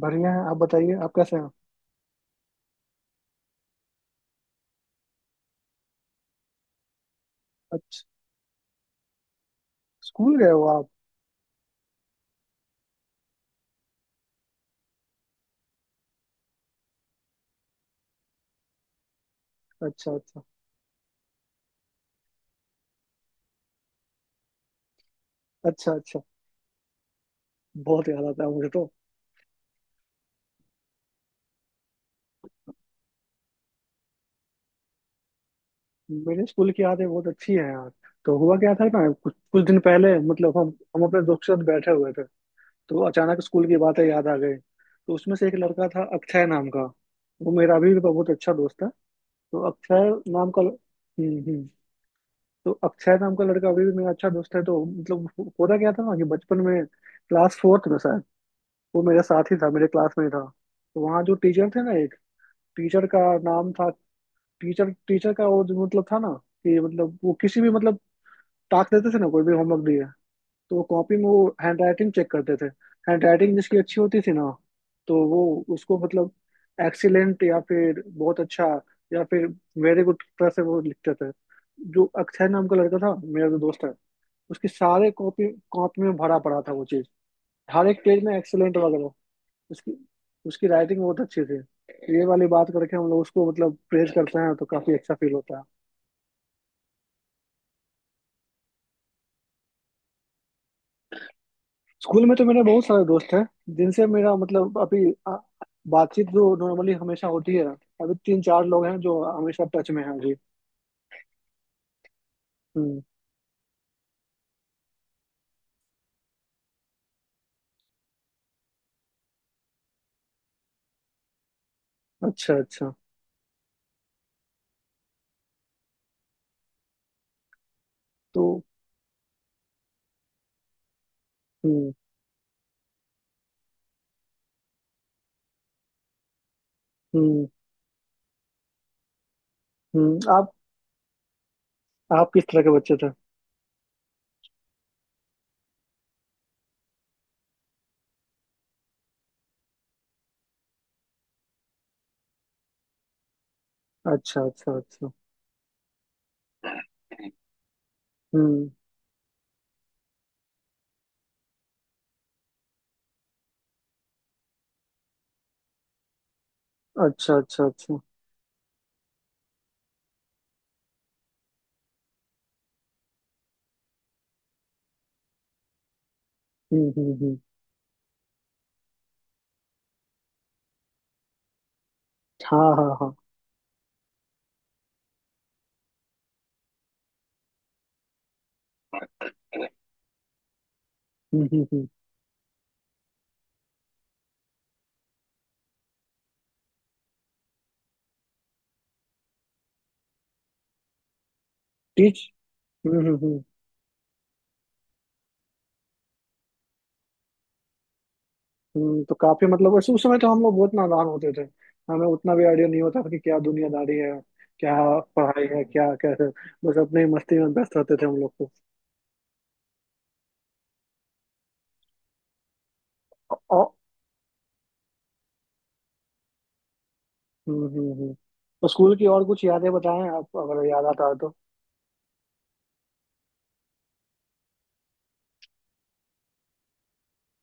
बढ़िया है। आप बताइए आप कैसे हैं। अच्छा। स्कूल गए हो आप? अच्छा अच्छा। अच्छा अच्छा। बहुत याद आता है मुझे तो। मेरे स्कूल की यादें बहुत अच्छी है यार। तो हुआ क्या था ना कुछ कुछ दिन पहले मतलब हम अपने दोस्त के साथ बैठे हुए थे। तो अचानक स्कूल की बातें याद आ गई। तो उसमें से एक लड़का था अक्षय नाम का। वो मेरा अभी भी बहुत अच्छा दोस्त है। तो अक्षय नाम का ल- हम्म। तो अक्षय नाम का लड़का अभी भी मेरा अच्छा दोस्त है तो मतलब होता क्या था ना कि बचपन में क्लास फोर्थ में शायद वो मेरे साथ ही था मेरे क्लास में ही था। तो वहाँ जो टीचर थे ना, एक टीचर का नाम था। टीचर टीचर का वो जो मतलब था ना कि मतलब वो किसी भी मतलब टास्क देते थे ना, कोई भी होमवर्क दिए तो वो कॉपी में वो हैंड राइटिंग चेक करते थे। हैंड राइटिंग जिसकी अच्छी होती थी ना, तो वो उसको मतलब एक्सीलेंट या फिर बहुत अच्छा या फिर वेरी गुड तरह से वो लिखते थे। जो अक्षय नाम का लड़का था मेरा जो दोस्त है, उसकी सारे कॉपी कॉपी में भरा पड़ा था वो चीज, हर एक पेज में एक्सीलेंट वगैरह। उसकी उसकी राइटिंग बहुत अच्छी थी, तो ये वाली बात करके हम लोग उसको मतलब प्रेज करते हैं तो काफी अच्छा फील होता है। स्कूल में तो मेरे बहुत सारे दोस्त हैं जिनसे मेरा मतलब अभी बातचीत जो नॉर्मली हमेशा होती है। अभी तीन चार लोग हैं जो हमेशा टच में हैं अभी। हम्म। अच्छा अच्छा। तो हम्म हम्म हम्म। आप किस तरह के बच्चे थे? अच्छा अच्छा अच्छा। हम्म। अच्छा अच्छा अच्छा। हम्म। हाँ हाँ हाँ। हम्म। टीच हम्म। हम्म। तो काफी मतलब उस समय तो हम लोग बहुत नादान होते थे। हमें उतना भी आइडिया नहीं होता था कि क्या दुनियादारी है, क्या पढ़ाई है, क्या कैसे। बस अपने मस्ती में व्यस्त रहते थे हम लोग को। और हम्म हम्म हम्म। तो स्कूल की और कुछ यादें बताएं आप, अगर याद आता है तो।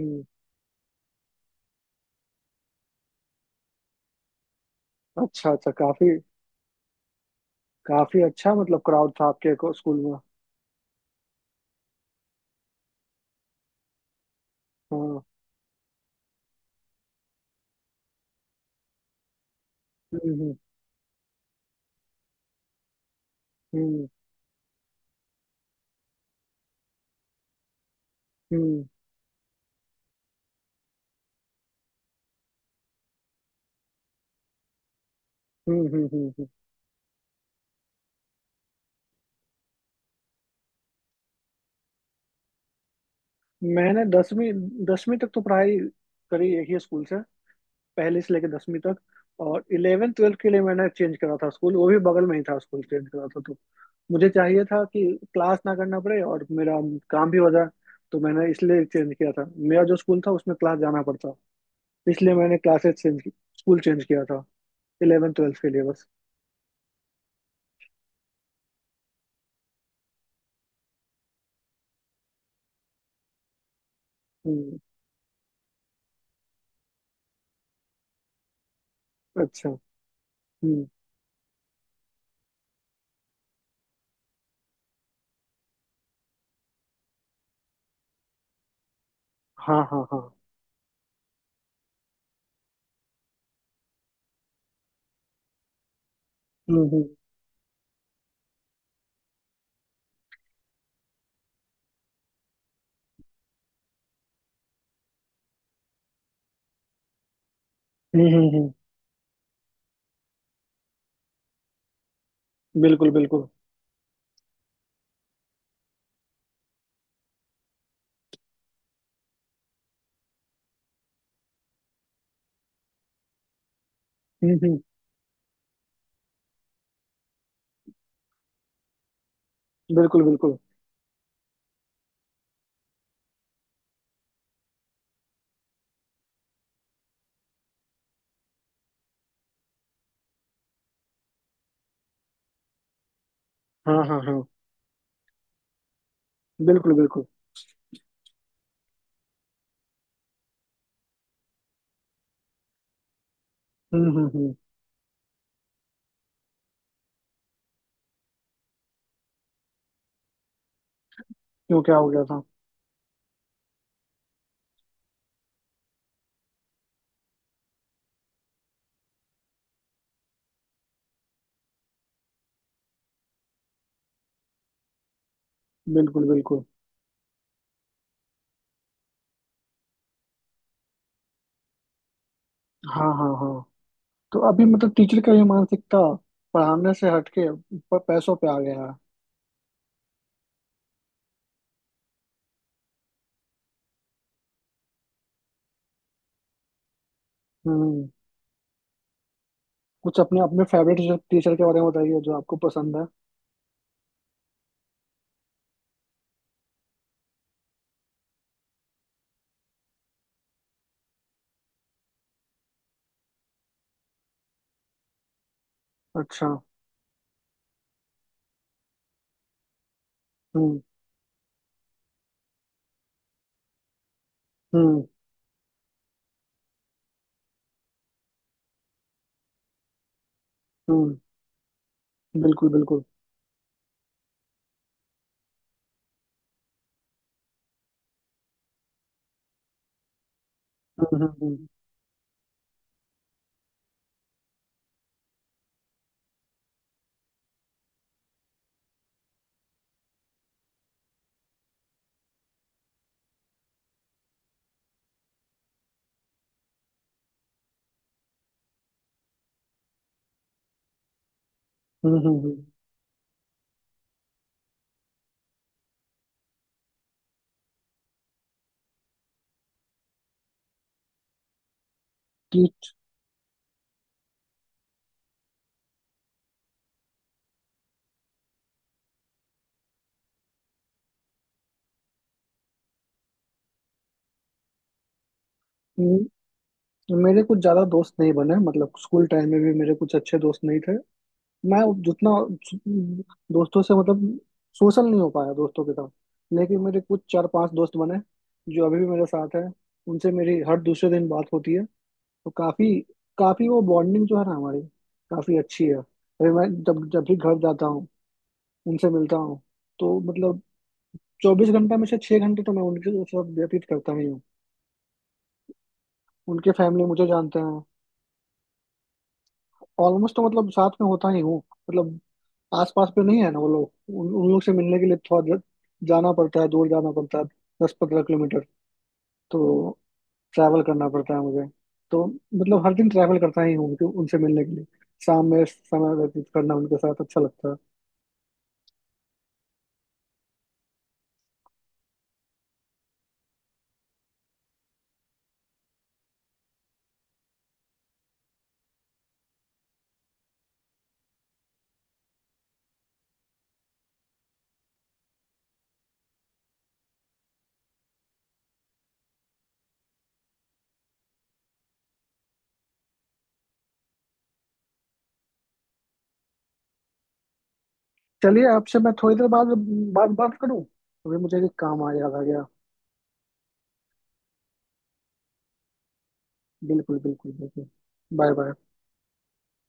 हम्म। अच्छा अच्छा। काफी काफी अच्छा मतलब क्राउड था आपके स्कूल में। हाँ। हम्म हम्म हम्म। हम्म हम्म हम्म, हम्म, हम्म। मैंने दसवीं दसवीं तक तो पढ़ाई करी एक ही स्कूल से, पहले से लेकर 10वीं तक। और 11वीं 12वीं के लिए मैंने चेंज करा था स्कूल, वो भी बगल में ही था। स्कूल चेंज करा था। तो मुझे चाहिए था कि क्लास ना करना पड़े और मेरा काम भी हो जाए। तो मैंने इसलिए चेंज किया था, मेरा जो स्कूल था उसमें क्लास जाना पड़ता। इसलिए मैंने क्लासेस चेंज की, स्कूल चेंज किया था 11वीं 12वीं के लिए बस। हम्म। अच्छा। हम्म। हाँ हाँ हाँ। हम्म हम्म हम्म। बिल्कुल बिल्कुल। हम्म। बिल्कुल बिल्कुल। हाँ हाँ हाँ। बिल्कुल बिल्कुल। हम्म। क्यों, क्या हो गया था? बिल्कुल बिल्कुल। हाँ हाँ हाँ। तो अभी मतलब टीचर का ये मानसिकता पढ़ाने से हटके पैसों पे आ गया है। हम्म। कुछ अपने अपने फेवरेट टीचर के बारे में बताइए जो आपको पसंद है। अच्छा। हम्म हम्म हम्म। बिल्कुल बिल्कुल। हम्म हम्म हम्म हम्म हम्म, हम्म। टीच हम्म। मेरे कुछ ज्यादा दोस्त नहीं बने मतलब स्कूल टाइम में भी मेरे कुछ अच्छे दोस्त नहीं थे। मैं जितना दोस्तों से मतलब सोशल नहीं हो पाया दोस्तों के साथ। लेकिन मेरे कुछ चार पांच दोस्त बने जो अभी भी मेरे साथ हैं। उनसे मेरी हर दूसरे दिन बात होती है। तो काफी काफी वो बॉन्डिंग जो है ना हमारी काफी अच्छी है। अरे मैं जब जब भी घर जाता हूँ उनसे मिलता हूँ, तो मतलब 24 घंटे में से 6 घंटे तो मैं उनके साथ व्यतीत करता ही हूँ। उनके फैमिली मुझे जानते हैं। ऑलमोस्ट तो मतलब साथ में होता ही हूँ। मतलब आस पास पे नहीं है ना वो लोग, उन लोग से मिलने के लिए थोड़ा जाना पड़ता है, दूर जाना पड़ता है, 10-15 किलोमीटर। तो ट्रैवल करना पड़ता है मुझे। तो मतलब हर दिन ट्रैवल करता ही हूँ उनसे मिलने के लिए। शाम में समय व्यतीत करना उनके साथ अच्छा लगता है। चलिए आपसे मैं थोड़ी देर बाद बाद बात करूं। अभी मुझे एक काम आ याद आ गया। बिल्कुल बिल्कुल बिल्कुल। Bye bye.